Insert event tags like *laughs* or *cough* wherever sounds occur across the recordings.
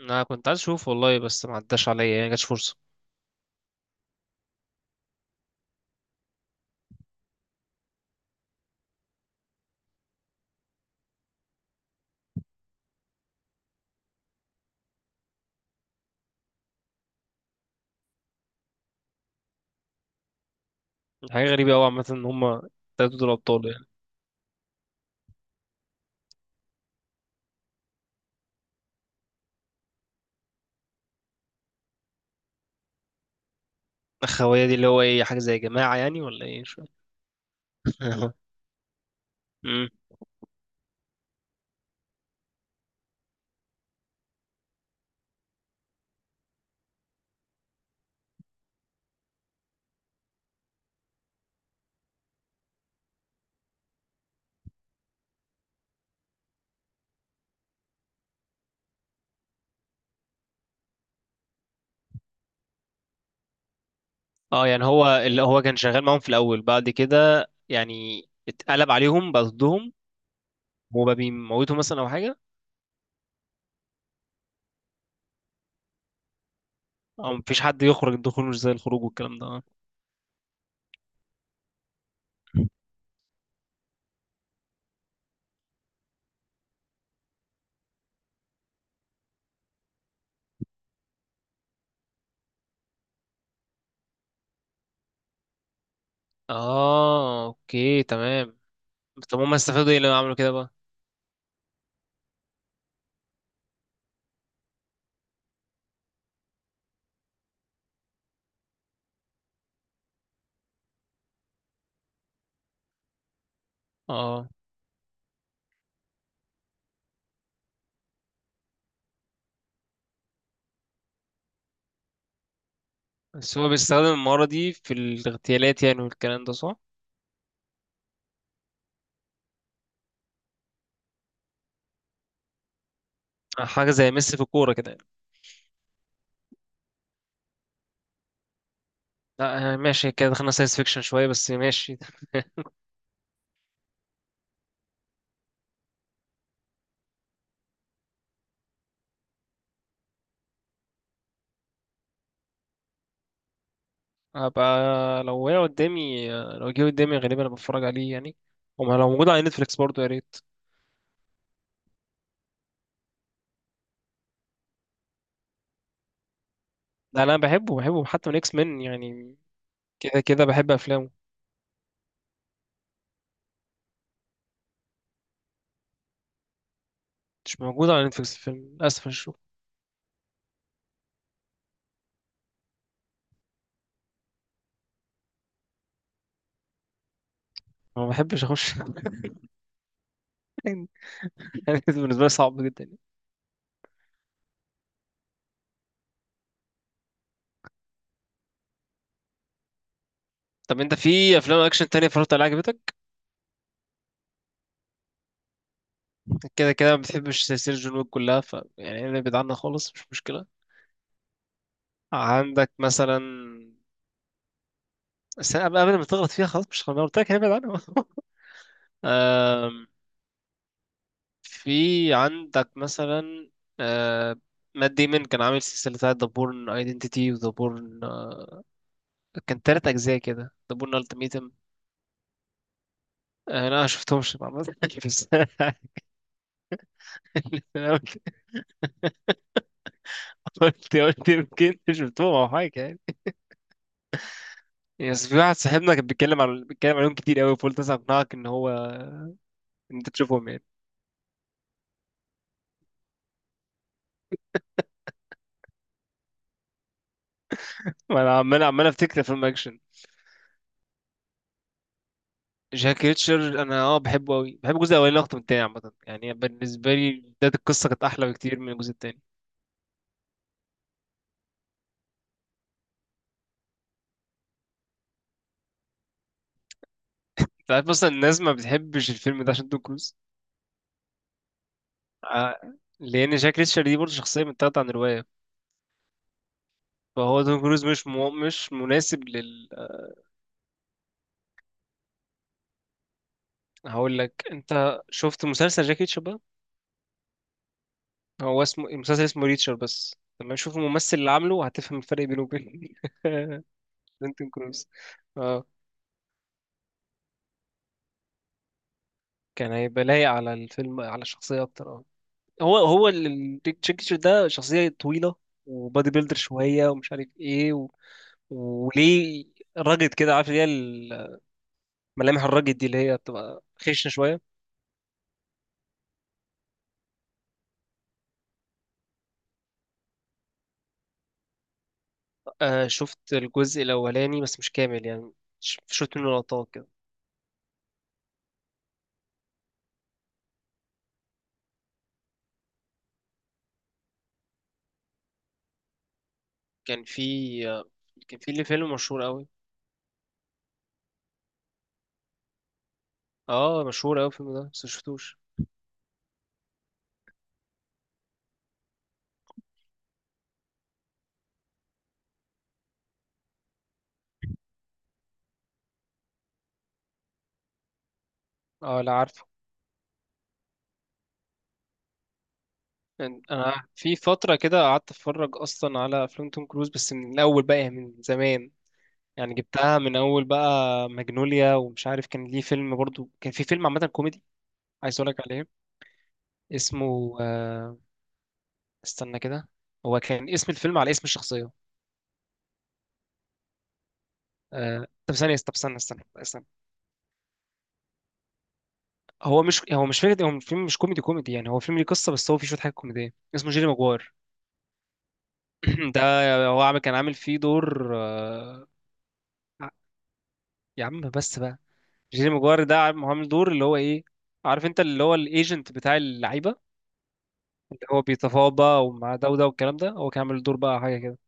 انا كنت عايز اشوف والله، بس ما عداش عليا، يعني ما جاتش فرصه. حاجه غريبه قوي عامه، ان هما التلاتة دول ابطال يعني. الخويه دي اللي هو ايه، حاجه زي جماعه يعني ولا ايه؟ مش فاهم. *laughs* أمم. اه، يعني هو اللي هو كان شغال معاهم في الاول، بعد كده يعني اتقلب عليهم بقى ضدهم، وبقى بيموتهم مثلا او حاجه. او مفيش حد يخرج، الدخول مش زي الخروج والكلام ده. اه، اوكي تمام. طب هما استفادوا ايه لما عملوا كده بقى؟ اه، بس هو بيستخدم المهارة دي في الاغتيالات يعني والكلام ده، صح؟ حاجة زي ميسي في الكورة كده يعني. لا، ماشي كده، دخلنا ساينس فيكشن شوية بس ماشي. هبقى. لو هي قدامي، لو جه قدامي غالبا أنا بتفرج عليه يعني. وما لو موجود على نتفليكس برضه يا ريت. لا لا، أنا بحبه بحبه حتى من إكس مان يعني. كده كده بحب أفلامه. مش موجود على نتفليكس الفيلم للأسف، الشغل. ما بحبش أخش. *laughs* يعني بالنسبة لي صعب جدا يعني. طب أنت في أفلام أكشن تانية اتفرجت عليها عجبتك؟ كده كده ما بتحبش سلسلة جون ويك كلها، ف يعني ابعد عنها خالص مش مشكلة. عندك مثلا. بس قبل ما تغلط فيها خلاص، مش خلاص، قلت لك هنبعد عنها. *laughs* آم، في عندك مثلا. آه، مات ديمون كان عامل سلسلة بتاعة The Bourne Identity و The Bourne، كان تلات أجزاء كده، The Bourne Ultimatum. لا، ما شفتهمش طبعا. بس *laughs* أنا قلت. قلت يمكن شفتهم أو حاجة يعني. بس في واحد صاحبنا كان بيتكلم عليهم كتير قوي، فقلت أسمع أقنعك إن أنت تشوفهم يعني. وأنا عمال عمال أفتكر أفلام أكشن. جاك ريتشر انا بحبه قوي، بحب الجزء الاولاني اكتر من التاني عامه، يعني بالنسبه لي بدايه القصه كانت احلى بكتير من الجزء التاني. انت عارف اصلا الناس ما بتحبش الفيلم ده عشان توم كروز، آه، لان جاك ريتشر دي برضه شخصيه متاخده عن روايه. فهو توم كروز مش مناسب لل. هقول لك، انت شفت مسلسل جاك ريتشر بقى؟ هو اسمه المسلسل اسمه ريتشر بس. لما شوف الممثل اللي عامله هتفهم الفرق بينه وبين *laughs* بين توم كروز. اه، كان هيبقى لايق على الفيلم، على الشخصيه اكتر، اه. هو التشيكتشر ده شخصية طويلة، وبادي بيلدر شوية ومش عارف ايه و... وليه راجد كده، عارف اللي هي الملامح الراجد دي اللي هي بتبقى خشنة شوية. آه، شفت الجزء الأولاني بس مش كامل يعني. شفت منه لقطات كده. كان في آه، كان في ليه فيلم مشهور قوي. اه، مشهور قوي الفيلم ده بس مشفتوش. اه لا عارفه. يعني انا في فترة كده قعدت اتفرج اصلا على افلام توم كروز بس من الاول بقى، يعني من زمان. يعني جبتها من اول بقى، ماجنوليا ومش عارف، كان ليه فيلم برضو، كان في فيلم عامه كوميدي، عايز اقول لك عليه. اسمه، استنى كده. هو كان اسم الفيلم على اسم الشخصيه. طب ثانيه، طب استنى استنى استنى. هو مش فكره، هو فيلم مش كوميدي كوميدي يعني، هو فيلم ليه قصه بس هو فيه شويه حاجات كوميديه، اسمه جيري ماجوار. *clears throat* ده هو عامل كان عامل فيه دور، يا عم بس بقى. جيري ماجوار ده عامل دور اللي هو ايه، عارف انت اللي هو الايجنت بتاع اللعيبه، اللي هو بيتفاوض بقى ومع ده وده والكلام ده، هو كان عامل دور بقى حاجة كده.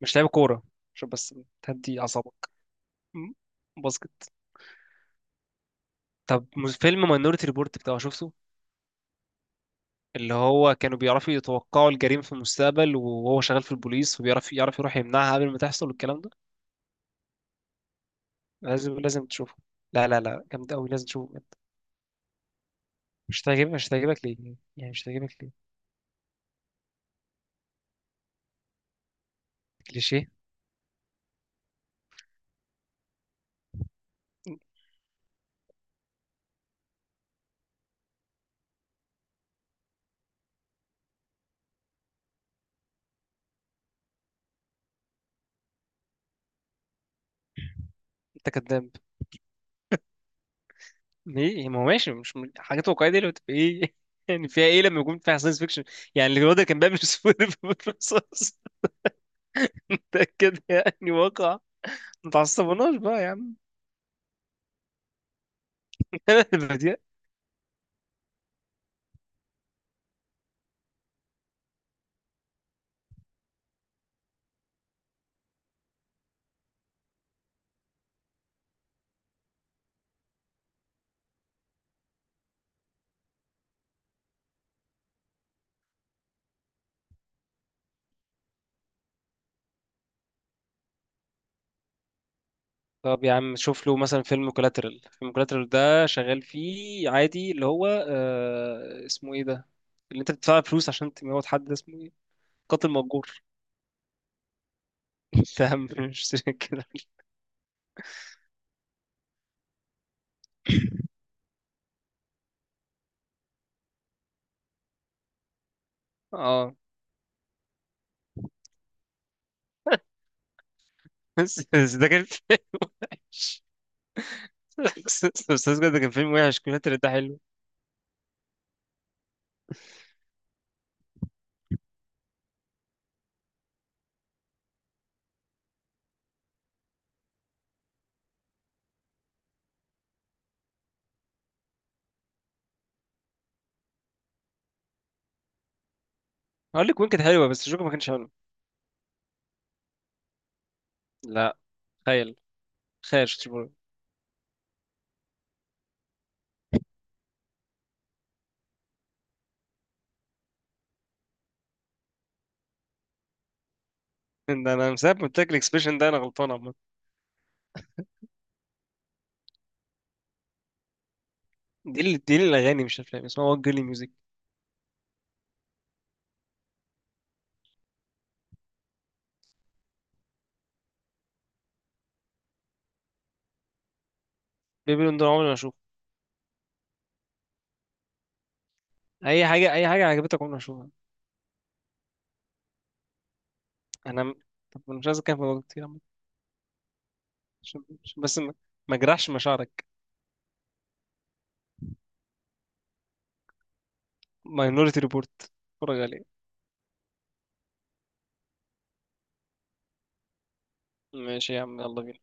مش لعيب كورة، عشان بس تهدي أعصابك. م- باسكت. طب فيلم ماينورتي ريبورت بتاعه شفته؟ اللي هو كانوا بيعرفوا يتوقعوا الجريمة في المستقبل، وهو شغال في البوليس وبيعرف يعرف يروح يمنعها قبل ما تحصل والكلام ده. لازم لازم تشوفه، لا لا لا، جامد قوي، لازم تشوفه بجد. مش هتعجبك ليه؟ يعني مش هتعجبك ليه؟ كليشيه. انت كداب. ليه يعني؟ ما هو ماشي، مش م- حاجات واقعية دي اللي بتبقى ايه *laughs* يعني، فيها ايه لما يكون فيها ساينس فيكشن؟ يعني الواد اللي كان بيعمل *laughs* سفود في الرصاص، *laughs* ده كده يعني واقع. ما تعصبناش بقى يا عم. *laughs* بديع. طب يا عم شوف له مثلا فيلم كولاترال. فيلم كولاترال ده شغال فيه عادي، اللي هو آه اسمه ايه ده، اللي انت بتدفع فلوس عشان تموت حد، ده اسمه ايه؟ قاتل مأجور. *laughs* فاهم، مش كده؟ اه *laughs* بس ده كان *laughs* بس بس ده كان فيلم وحش. كولاترال ده حلو. هقول لك وين كانت حلوه بس جوكر ما كانش حلو. لا. تخيل. تخيل شتيبور. ده انا من ساعه ما قلت لك الاكسبريشن ده، انا غلطان عامه. دي اللي الاغاني مش الافلام اسمها وات جيرلي ميوزك. بيبي لون ده عمري ما اشوفه. اي حاجه اي حاجه عجبتك عمري ما اشوفها. انا م- طب أنا مش عايز اتكلم في الموضوع كتير عامة. عشان عشان بس، ما اجرحش مشاعرك. ماينورتي ريبورت، اتفرج عليه. ماشي يا عم، يلا بينا.